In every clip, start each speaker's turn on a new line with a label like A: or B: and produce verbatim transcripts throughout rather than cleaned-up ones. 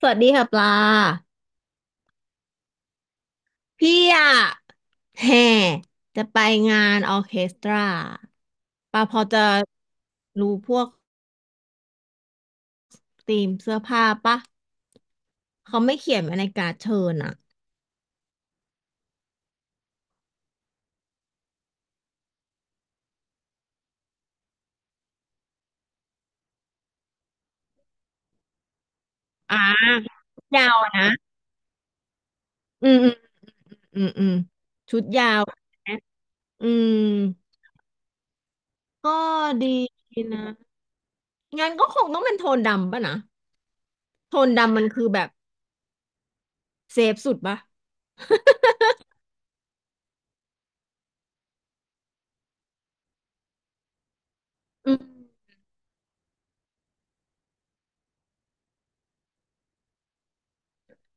A: สวัสดีค่ะปลาพี่อะแห่จะไปงานออร์เคสตราปลาพอจะรู้พวกธีมเสื้อผ้าปะเขาไม่เขียนไว้ในการ์ดเชิญอะอ่ายาวอะนะอืมอืมอืมอืมชุดยาวนะอืมก็ดีนะงั้นก็คงต้องเป็นโทนดำปะนะโทนดำมันคือแบบเซฟสุดปะอืม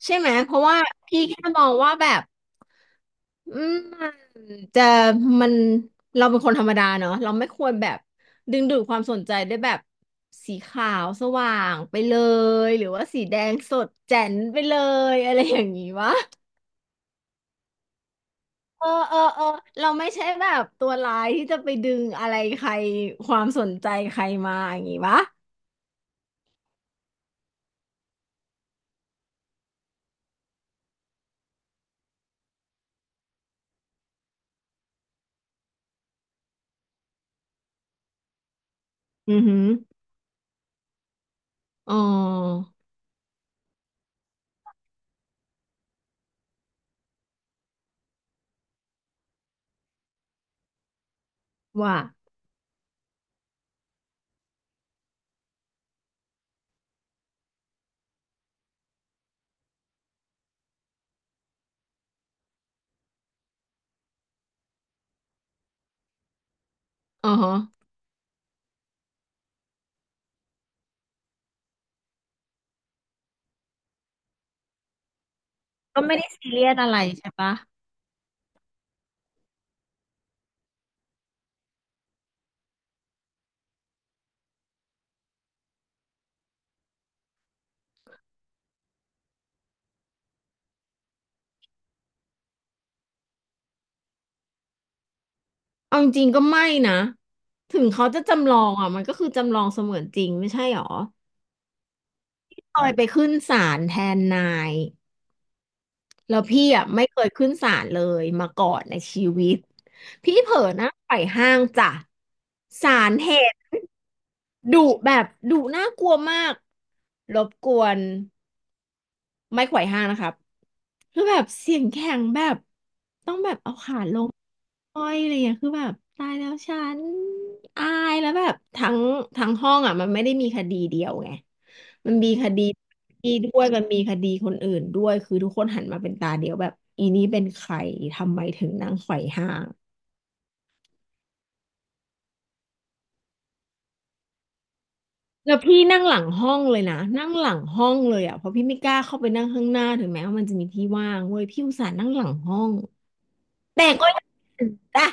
A: ใช่ไหมเพราะว่าพี่แค่มองว่าแบบ อืมจะมันเราเป็นคนธรรมดาเนาะเราไม่ควรแบบดึงดูดความสนใจด้วยแบบสีขาวสว่างไปเลยหรือว่าสีแดงสดแจ๋นไปเลยอะไรอย่างนี้วะเออเออเออเราไม่ใช่แบบตัวร้ายที่จะไปดึงอะไรใครความสนใจใครมาอย่างนี้วะอือหืออ๋อว่าอ๋อฮะก็ไม่ได้ซีเรียสอะไรใช่ปะ เอาจริงๆก็ไม่นะถึงเขาจะจำลองอ่ะมันก็คือจำลองเสมือนจริงไม่ใช่หรอตอยไปขึ้นศาลแทนนายแล้วพี่อ่ะไม่เคยขึ้นศาลเลยมาก่อนในชีวิตพี่เผลอนั่งไปห้างจ้ะศาลเห็นดุแบบดุน่ากลัวมากรบกวน ไม้ไขว่ห้างนะครับคือแบบเสียงแข็งแบบต้องแบบเอาขาลงอ้อยอะไรอย่างเงี้ยคือแบบตายแล้วฉันอายแล้วแบบทั้งทั้งห้องอ่ะมันไม่ได้มีคดีเดียวไงมันมีคดีนี้ด้วยมันมีคดีคนอื่นด้วยคือทุกคนหันมาเป็นตาเดียวแบบอีนี้เป็นใครทำไมถึงนั่งไขว่ห้างแล้วพี่นั่งหลังห้องเลยนะนั่งหลังห้องเลยอ่ะเพราะพี่ไม่กล้าเข้าไปนั่งข้างหน้าถึงแม้ว่ามันจะมีที่ว่างเว้ยพี่อุตส่าห์นั่งหลังห้องแต่ก็ยังจ้ะ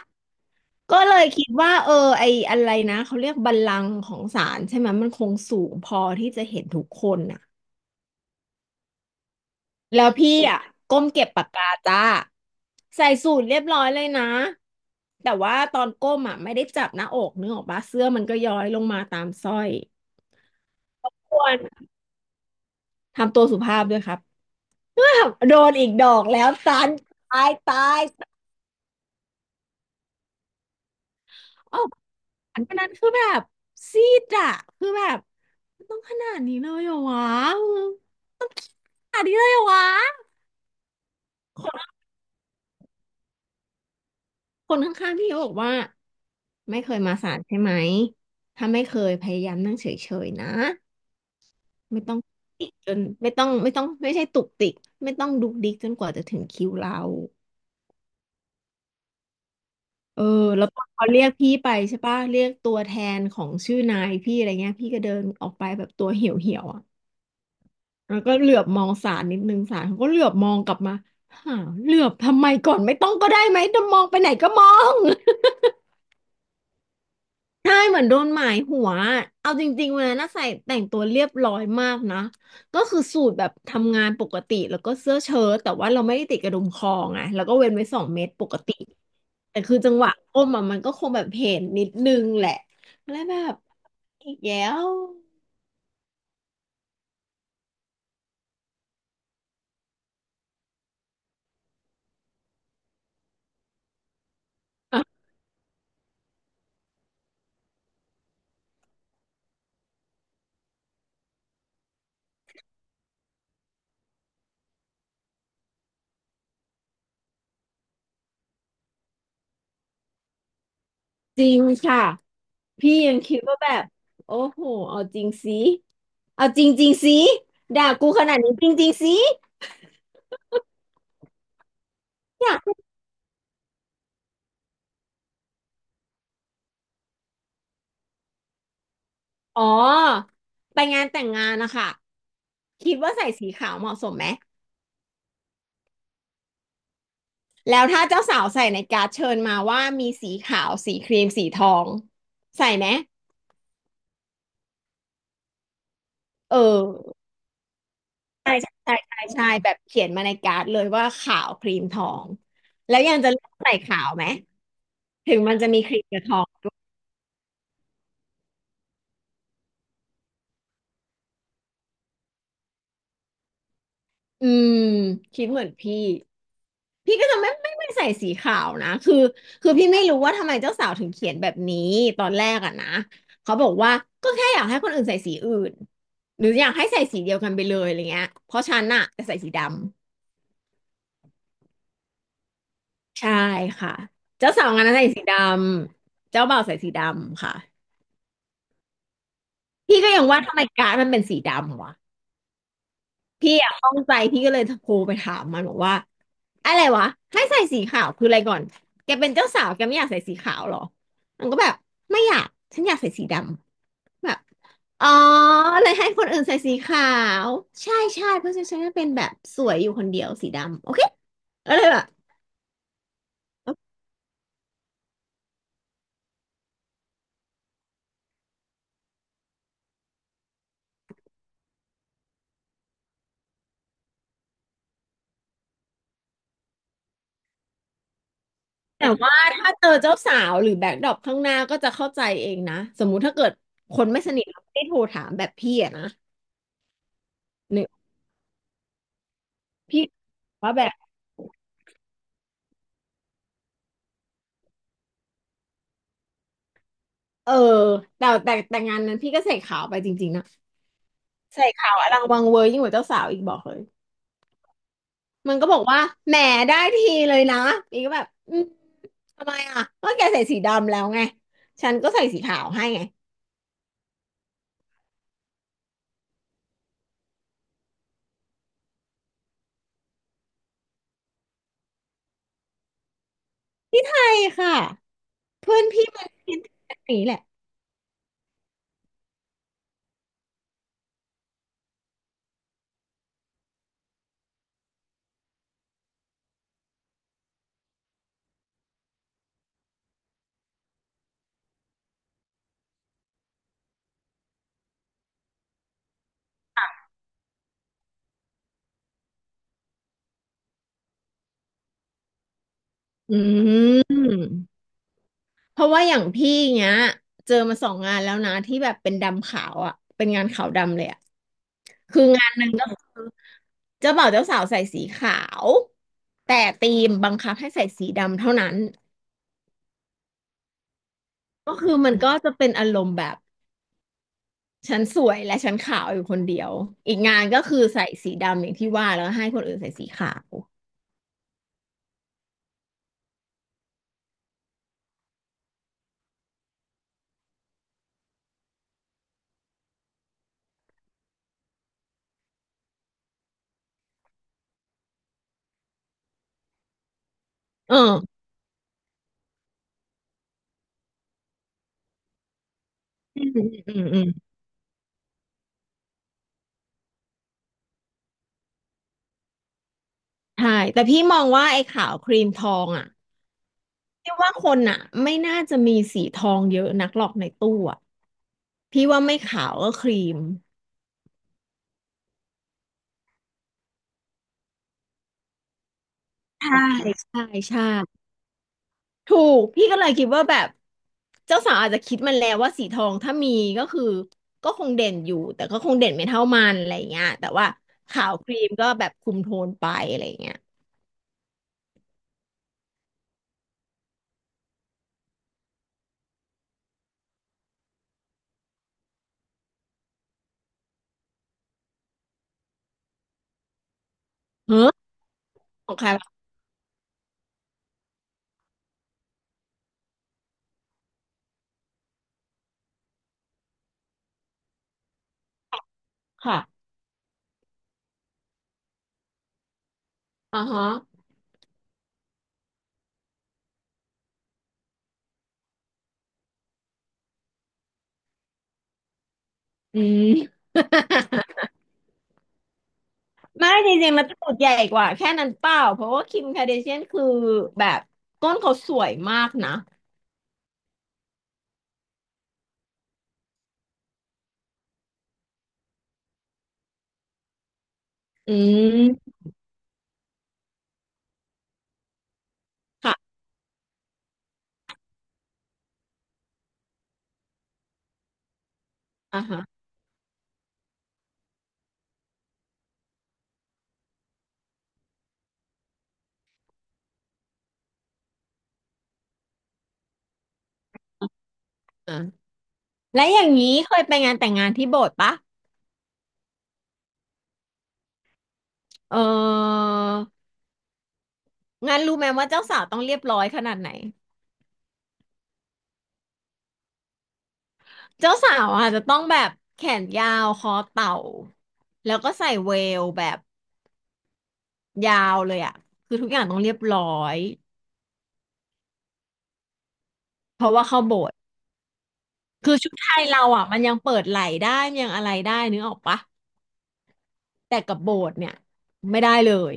A: ก็เลยคิดว่าเออไออะไรนะเขาเรียกบัลลังก์ของศาลใช่ไหมมันคงสูงพอที่จะเห็นทุกคนน่ะแล้วพี่อ่ะก้มเก็บปากกาจ้าใส่สูทเรียบร้อยเลยนะแต่ว่าตอนก้มอ่ะไม่ได้จับหน้าอกนึกออกปะเสื้อมันก็ย้อยลงมาตามสร้อยควรทำตัวสุภาพด้วยครับ โดนอีกดอกแล้วตานตายตาย วันนั้นคือแบบซีดอะคือแบบมันต้องขนาดนี้เลยเหรอวะต้องขนาดนี้เลยเหรอวะคนข้างๆพี่ก็บอกว่าไม่เคยมาศาลใช่ไหมถ้าไม่เคยพยายามนั่งเฉยๆนะไม่ต้องติกจนไม่ต้องไม่ต้องไม่ใช่ตุกติกไม่ต้องดุกดิกจนกว่าจะถึงคิวเราเออแล้วพอเขาเรียกพี่ไปใช่ปะเรียกตัวแทนของชื่อนายพี่อะไรเงี้ยพี่ก็เดินออกไปแบบตัวเหี่ยวๆอ่ะ แล้วก็เหลือบมองศาลนิดนึงศาลเขาก็เหลือบมองกลับมาหาเหลือบทำไมก่อนไม่ต้องก็ได้ไหมจะมองไปไหนก็มอง ใช่เหมือนโดนหมายหัวเอาจริงๆวันนั้นน่ะใส่แต่งตัวเรียบร้อยมากนะก็คือสูทแบบทำงานปกติแล้วก็เสื้อเชิ้ตแต่ว่าเราไม่ได้ติดกระดุมคอไงแล้วก็เว้นไว้สองเมตรปกติแต่คือจังหวะก้มอะมันก็คงแบบเห็นนิดนึงแหละแล้วแบบอีกแล้วอ่ะจริงค่ะพี่ยังคิดว่าแบบโอ้โหเอาจริงสิ เอาจริงๆสิด่ากูขนาดนี้จริงๆสิอยากอ๋อไปงานแต่งงานนะคะคิดว่าใส่สีขาวเหมาะสมไหมแล้วถ้าเจ้าสาวใส่ในการ์ดเชิญมาว่ามีสีขาวสีครีมสีทองใส่ไหมเออใช่ใช่ใช่ใช่ใช่แบบเขียนมาในการ์ดเลยว่าขาวครีมทองแล้วยังจะเลือกใส่ขาวไหมถึงมันจะมีครีมกับทองอืมคิดเหมือนพี่ พี่ก็จะไม่ไม่ไม่ใส่สีขาวนะคือคือพี่ไม่รู้ว่าทำไมเจ้าสาวถึงเขียนแบบนี้ตอนแรกอะนะเขาบอกว่าก็แค่อยากให้คนอื่นใส่สีอื่นหรืออยากให้ใส่สีเดียวกันไปเลยอะไรเงี้ยเพราะฉันน่ะจะใส่สีดำใช่ค่ะเจ้าสาวงานนั้นใส่สีดำเจ้าบ่าวใส่สีดำค่ะพี่ก็ยังว่าทำไมการ์ดมันเป็นสีดำวะ พี่อะข้องใจพี่ก็เลยโทรไปถามมันบอกว่าอะไรวะให้ใส่สีขาวคืออะไรก่อนแกเป็นเจ้าสาวแกไม่อยากใส่สีขาวเหรอมันก็แบบไม่อยากฉันอยากใส่สีดำแบบอ๋อเลยให้คนอื่นใส่สีขาวใช่ใช่เพราะฉันจะเป็นแบบสวยอยู่คนเดียวสีดำโอเคก็เลยแบบแต่ว่าถ้าเจอเจ้าสาวหรือแบ็คดรอปข้างหน้าก็จะเข้าใจเองนะสมมุติถ้าเกิดคนไม่สนิทเราไม่ได้โทรถามแบบพี่อะนะหนึ่งพี่ว่าแบบ เออแต่แต่แต่งานนั้นพี่ก็ใส่ขาวไปจริงๆนะใส่ขาวอลังวังเวอร์ยิ่งกว่าเจ้าสาวอีกบอกเลยมันก็บอกว่าแหมได้ทีเลยนะอีกก็แบบอืมทำไมอ่ะก็แกใส่สีดำแล้วไงฉันก็ใส่สีขาวให้ไงที่ไทยค่ะเพื่อนพี่มันคิดแบบนี้แหละอืมเพราะว่าอย่างพี่เนี้ยเจอมาสองงานแล้วนะที่แบบเป็นดำขาวอ่ะเป็นงานขาวดำเลยอ่ะ คืองานหนึ่งก็คือเจ้าบ่าวเจ้าสาวใส่สีขาวแต่ธีมบังคับให้ใส่สีดำเท่านั้นก็คือมันก็จะเป็นอารมณ์แบบฉันสวยและฉันขาวอยู่คนเดียวอีกงานก็คือใส่สีดำอย่างที่ว่าแล้วให้คนอื่นใส่สีขาวเอออืมอืมอืมอืมใช่แต่พี่มองว่าไอ้ขาวครีมทองอ่ะพี่ว่าคนอ่ะไม่น่าจะมีสีทองเยอะนักหรอกในตู้อ่ะพี่ว่าไม่ขาวก็ครีมใช่ใช่ใช่ ถูกพี่ก็เลยคิดว่าแบบเจ้าสาวอาจจะคิดมันแล้วว่าสีทองถ้ามีก็คือก็คงเด่นอยู่แต่ก็คงเด่นไม่เท่ามันอะไรเงี้ยแต่ว่าขาวครีมก็แบบคุมโทนไปอะไรเงี้ยเฮ้อของใครวะค่ะอ่าฮะอืม ไม่จริงๆมันตูดใหญ่กว่าแค่นั้นเปล่าเพราะว่าคิมคาเดเชียนคือแบบก้นเขาสวยมากนะอืมค่ะอ่าฮะอ่าและอย่างนี้เคยไปงานแต่งงานที่โบสถ์ปะเออ งานรู้ไหมว่าเจ้าสาวต้องเรียบร้อยขนาดไหนเจ้าสาวอาจจะต้องแบบแขนยาวคอเต่าแล้วก็ใส่เวลแบบยาวเลยอ่ะคือทุกอย่างต้องเรียบร้อยเพราะว่าเข้าโบสถ์คือชุดไทยเราอ่ะมันยังเปิดไหล่ได้มันยังอะไรได้นึกออกปะแต่กับโบสถ์เนี่ยไม่ได้เลย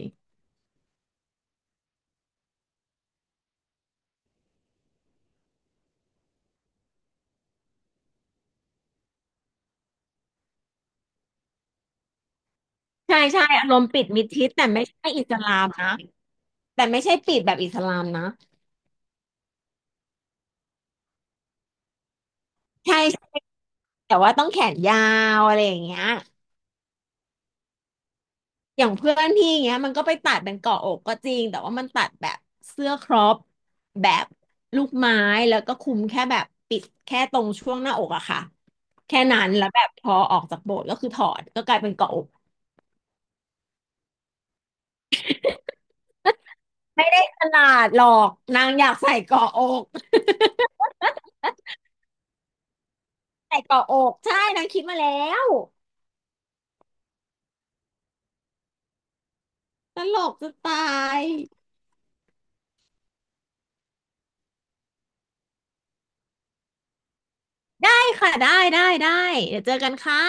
A: ใช่ใช่อารมณ์ปิดมิดชิดแต่ไม่ใช่อิสลามนะแต่ไม่ใช่ปิดแบบอิสลามนะใช่ใช่แต่ว่าต้องแขนยาวอะไรอย่างเงี้ย อย่างเพื่อนพี่อย่างเงี้ยมันก็ไปตัดเป็นเกาะอกก็จริงแต่ว่ามันตัดแบบเสื้อครอปแบบลูกไม้แล้วก็คลุมแค่แบบปิดแค่ตรงช่วงหน้าอกอะค่ะแค่นั้นแล้วแบบพอออกจากโบสถ์ก็คือถอดก็กลายเป็นเกาะอกไม่ได้ขนาดหรอกนางอยากใส่เกาะอกใส่เกาะอกใช่นางคิดมาแล้วตลกจะตายได้ค่ะได้ได้ได้เดี๋ยวเจอกันค่ะ